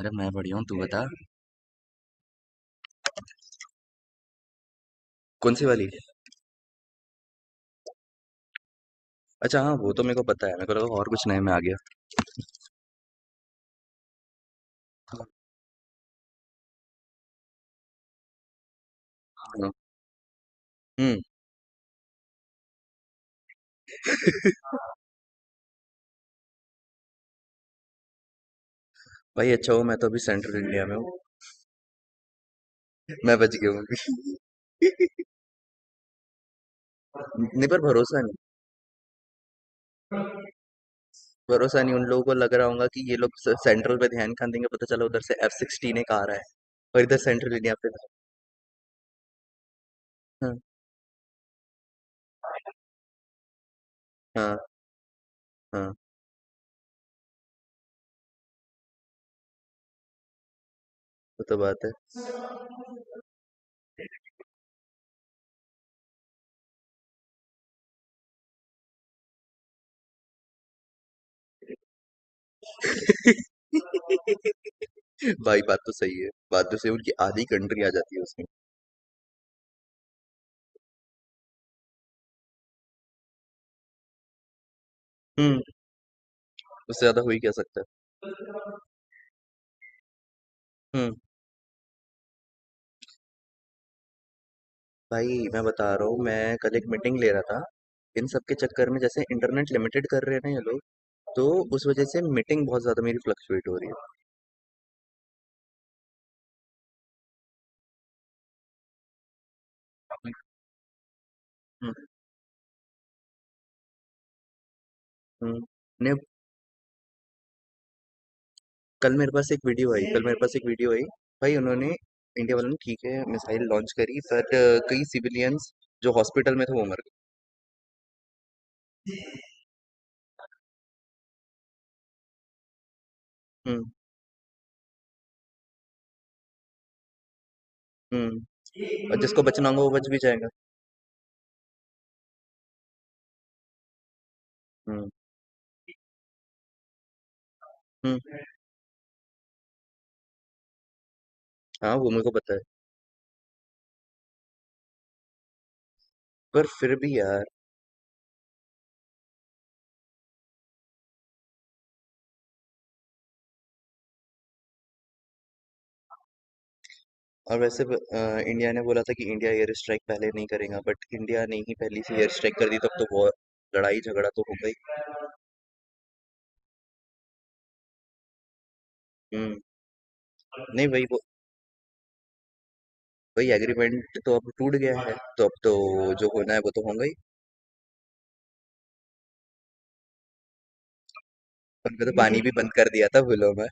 अरे मैं बढ़िया हूँ तू बता। कौन सी वाली। अच्छा हाँ वो तो मेरे को पता है मेरे को लगा और कुछ नए में आ गया। हाँ। हम्म। भाई अच्छा हो मैं तो अभी सेंट्रल इंडिया में हूँ। मैं बच गया हूँ। नहीं पर भरोसा नहीं। भरोसा नहीं उन लोगों को लग रहा होगा कि ये लोग सेंट्रल पे ध्यान कहाँ देंगे पता चला उधर से एफ सिक्सटीन एक आ रहा है और इधर सेंट्रल इंडिया पे। हाँ, हाँ, हाँ वो तो बात है। भाई बात तो सही है, उनकी आधी कंट्री आ जाती है उसमें। हम्म उससे ज्यादा हो ही क्या सकता है। हम्म। भाई मैं बता रहा हूँ, मैं कल एक मीटिंग ले रहा था। इन सब के चक्कर में जैसे इंटरनेट लिमिटेड कर रहे हैं ना ये लोग। तो उस वजह से मीटिंग बहुत ज्यादा मेरी फ्लक्चुएट हो रही है। हम्म, हम्म। ने कल मेरे पास एक वीडियो आई, भाई उन्होंने इंडिया वालों ने ठीक है मिसाइल लॉन्च करी पर कई सिविलियंस जो हॉस्पिटल में थे वो मर गए। हम्म। हम्म। और जिसको बचना होगा वो बच भी जाएगा। हम्म। हम्म। हाँ वो मेरे को पता है। पर फिर भी यार। और वैसे इंडिया ने बोला था कि इंडिया एयर स्ट्राइक पहले नहीं करेगा बट इंडिया ने ही पहली से एयर स्ट्राइक कर दी तब तो वॉर लड़ाई झगड़ा तो हो गई। हम्म। नहीं, वही एग्रीमेंट तो अब टूट गया है तो अब तो जो होना है वो तो होगा ही। उनका तो पानी भी बंद कर दिया था बिलों में।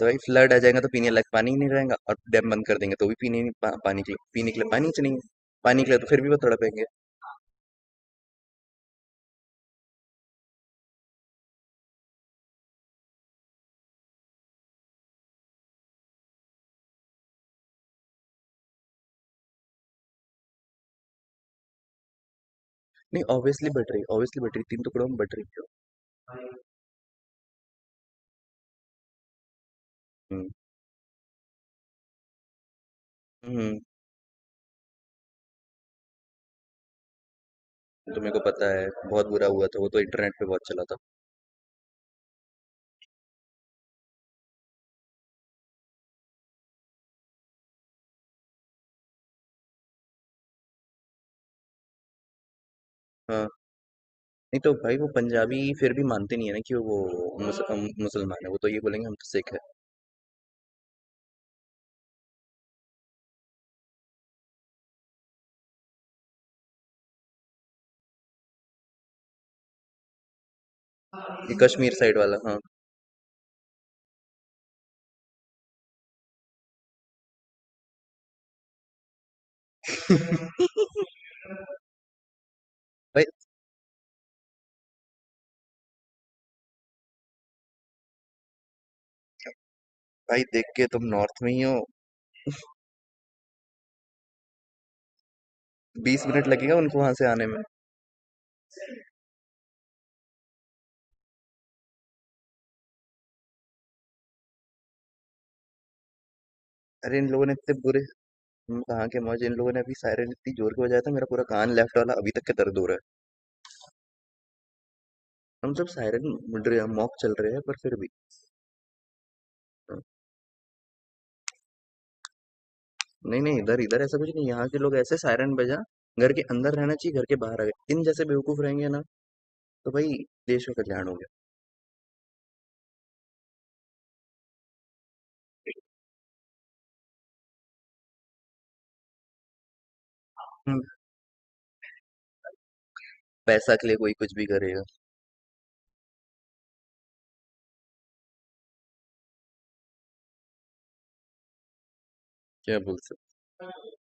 तो भाई फ्लड आ जाएगा तो पीने लायक पानी ही नहीं रहेगा और डैम बंद कर देंगे तो भी पीने नहीं- पा, पानी के लिए पीने के लिए पानी ही नहीं है। पानी के लिए तो फिर भी वो तड़पेंगे। नहीं, ऑब्वियसली बट रही, तीन टुकड़ों में बट रही है। हम्म। हम्म। तो मेरे को पता है बहुत बुरा हुआ था वो तो इंटरनेट पे बहुत चला था। हाँ। नहीं तो भाई वो पंजाबी फिर भी मानते नहीं है ना कि वो मुसलमान है वो तो ये बोलेंगे हम तो सिख है। ये कश्मीर साइड वाला हाँ। भाई, भाई देख के तुम नॉर्थ में ही हो। 20 मिनट लगेगा उनको वहां से आने में। अरे इन लोगों ने इतने बुरे। हम कहाँ के मौज, इन लोगों ने अभी सायरन इतनी जोर के बजाया था मेरा पूरा कान लेफ्ट वाला अभी तक के दर्द हो रहा है। हम सब सायरन मॉक चल रहे हैं पर फिर भी। हाँ। नहीं नहीं, इधर इधर ऐसा कुछ नहीं, यहाँ के लोग ऐसे सायरन बजा, घर के अंदर रहना चाहिए घर के बाहर आ गए इन जैसे बेवकूफ रहेंगे ना। तो भाई देश का कल्याण हो गया। पैसा के लिए कोई कुछ भी करेगा। क्या बोल सकते।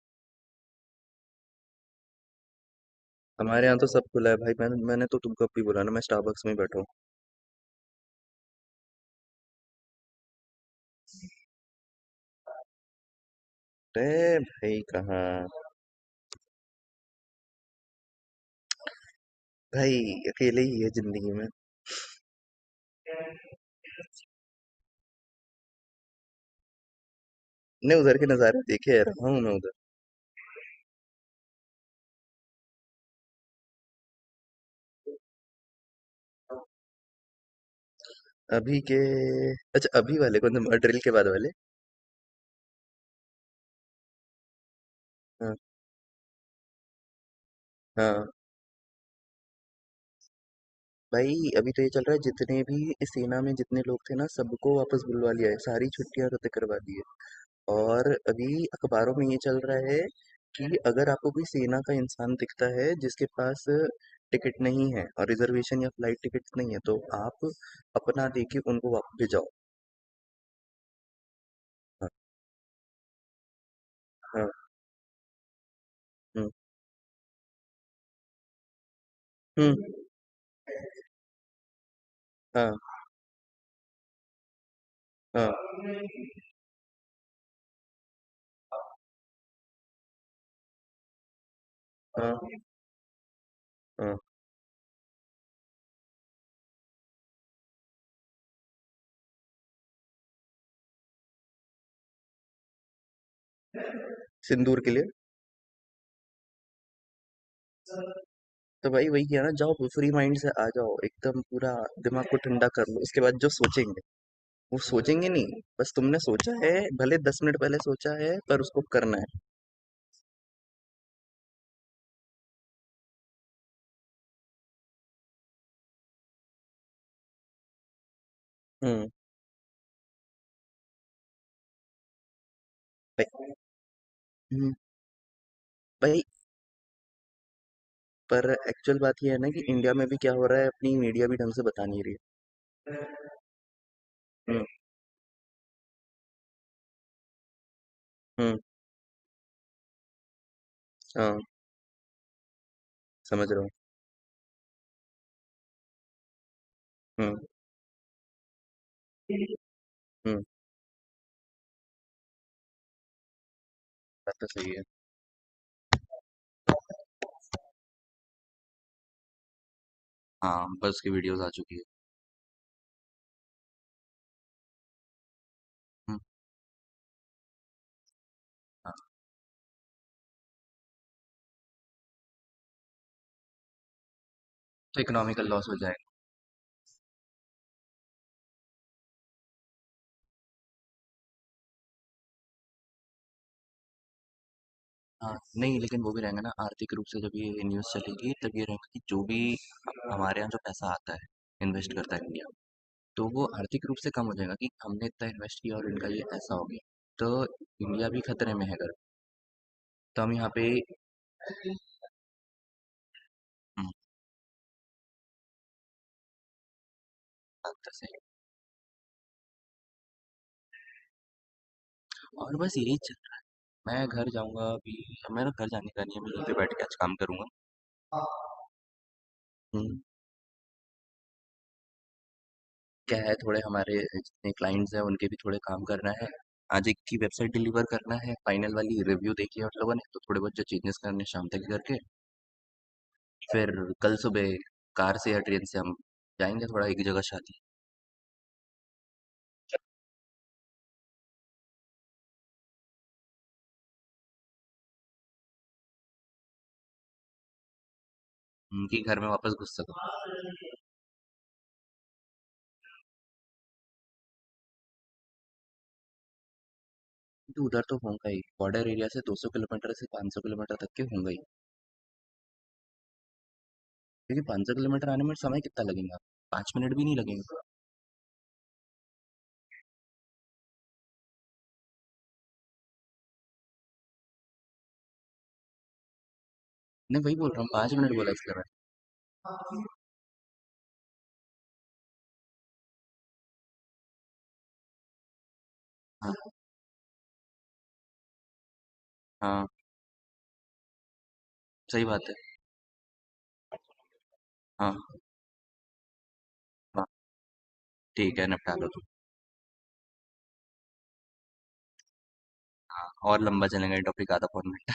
हमारे यहाँ तो सब खुला है भाई, मैंने मैंने तो तुमको अब भी बोला ना मैं स्टारबक्स में ही बैठा हूँ। अरे भाई कहाँ। भाई अकेले ही है जिंदगी में। ने उधर के नज़ारे देखे है रहा हूँ मैं उधर। अभी के। अच्छा अभी वाले कौन से, ड्रिल के बाद वाले। हाँ, हाँ, भाई अभी तो ये चल रहा है जितने भी इस सेना में जितने लोग थे ना सबको वापस बुलवा लिया है सारी छुट्टियां रद्द करवा दी है। और अभी अखबारों में ये चल रहा है कि अगर आपको कोई सेना का इंसान दिखता है जिसके पास टिकट नहीं है और रिजर्वेशन या फ्लाइट टिकट नहीं है तो आप अपना देके उनको वापस भिजाओ। हाँ, हाँ, हम्म, हम्म, हाँ, हाँ, हाँ, हाँ, सिंदूर के लिए। तो भाई वही किया ना, जाओ फ्री माइंड से आ जाओ एकदम पूरा दिमाग को ठंडा कर लो उसके बाद जो सोचेंगे वो सोचेंगे, नहीं बस तुमने सोचा है भले 10 मिनट पहले सोचा है पर उसको करना है। हम्म। भाई। हम्म, भाई पर एक्चुअल बात ये है ना कि इंडिया में भी क्या हो रहा है अपनी मीडिया भी ढंग से बता नहीं रही है। हुँ, हुँ, हाँ, समझ रहा हूँ। हुँ, हुँ, बात तो सही है। हाँ, बस की वीडियोज़ आ चुकी है। हुँ, हाँ, तो इकोनॉमिकल लॉस हो जाएगा। हाँ, नहीं लेकिन वो भी रहेंगा ना आर्थिक रूप से, जब ये न्यूज़ चलेगी तब ये रहेगा कि जो भी हमारे यहाँ जो पैसा आता है, इन्वेस्ट करता है इंडिया, तो वो आर्थिक रूप से कम हो जाएगा कि हमने इतना इन्वेस्ट किया और इनका ये ऐसा हो गया। तो इंडिया भी खतरे में है अगर, तो हम यहाँ पे। हुँ, बात तो सही है और बस यही। मैं घर जाऊँगा अभी। मेरा घर जाने का नहीं है, मैं यहीं पे बैठ के आज काम करूँगा। हुँ, क्या है, थोड़े हमारे जितने क्लाइंट्स हैं उनके भी थोड़े काम करना है। आज एक की वेबसाइट डिलीवर करना है, फाइनल वाली रिव्यू देखी है उन लोगों ने तो थोड़े बहुत जो चेंजेस करने हैं शाम तक करके फिर कल सुबह कार से या ट्रेन से हम जाएँगे थोड़ा एक जगह शादी। उनके घर में वापस घुस सको। तो उधर तो होगा ही, बॉर्डर एरिया से 200 किलोमीटर से 500 किलोमीटर तक के होंगे ही, क्योंकि 500 किलोमीटर आने में समय कितना लगेगा? 5 मिनट भी नहीं लगेंगे। नहीं वही बोल रहा हूँ, 5 मिनट बोला इसलिए मैंने। हाँ, हाँ, सही बात है। हाँ, हाँ, ठीक है निपटा लो तुम। हाँ और लंबा चलेंगे टॉपिक आधा फोन में।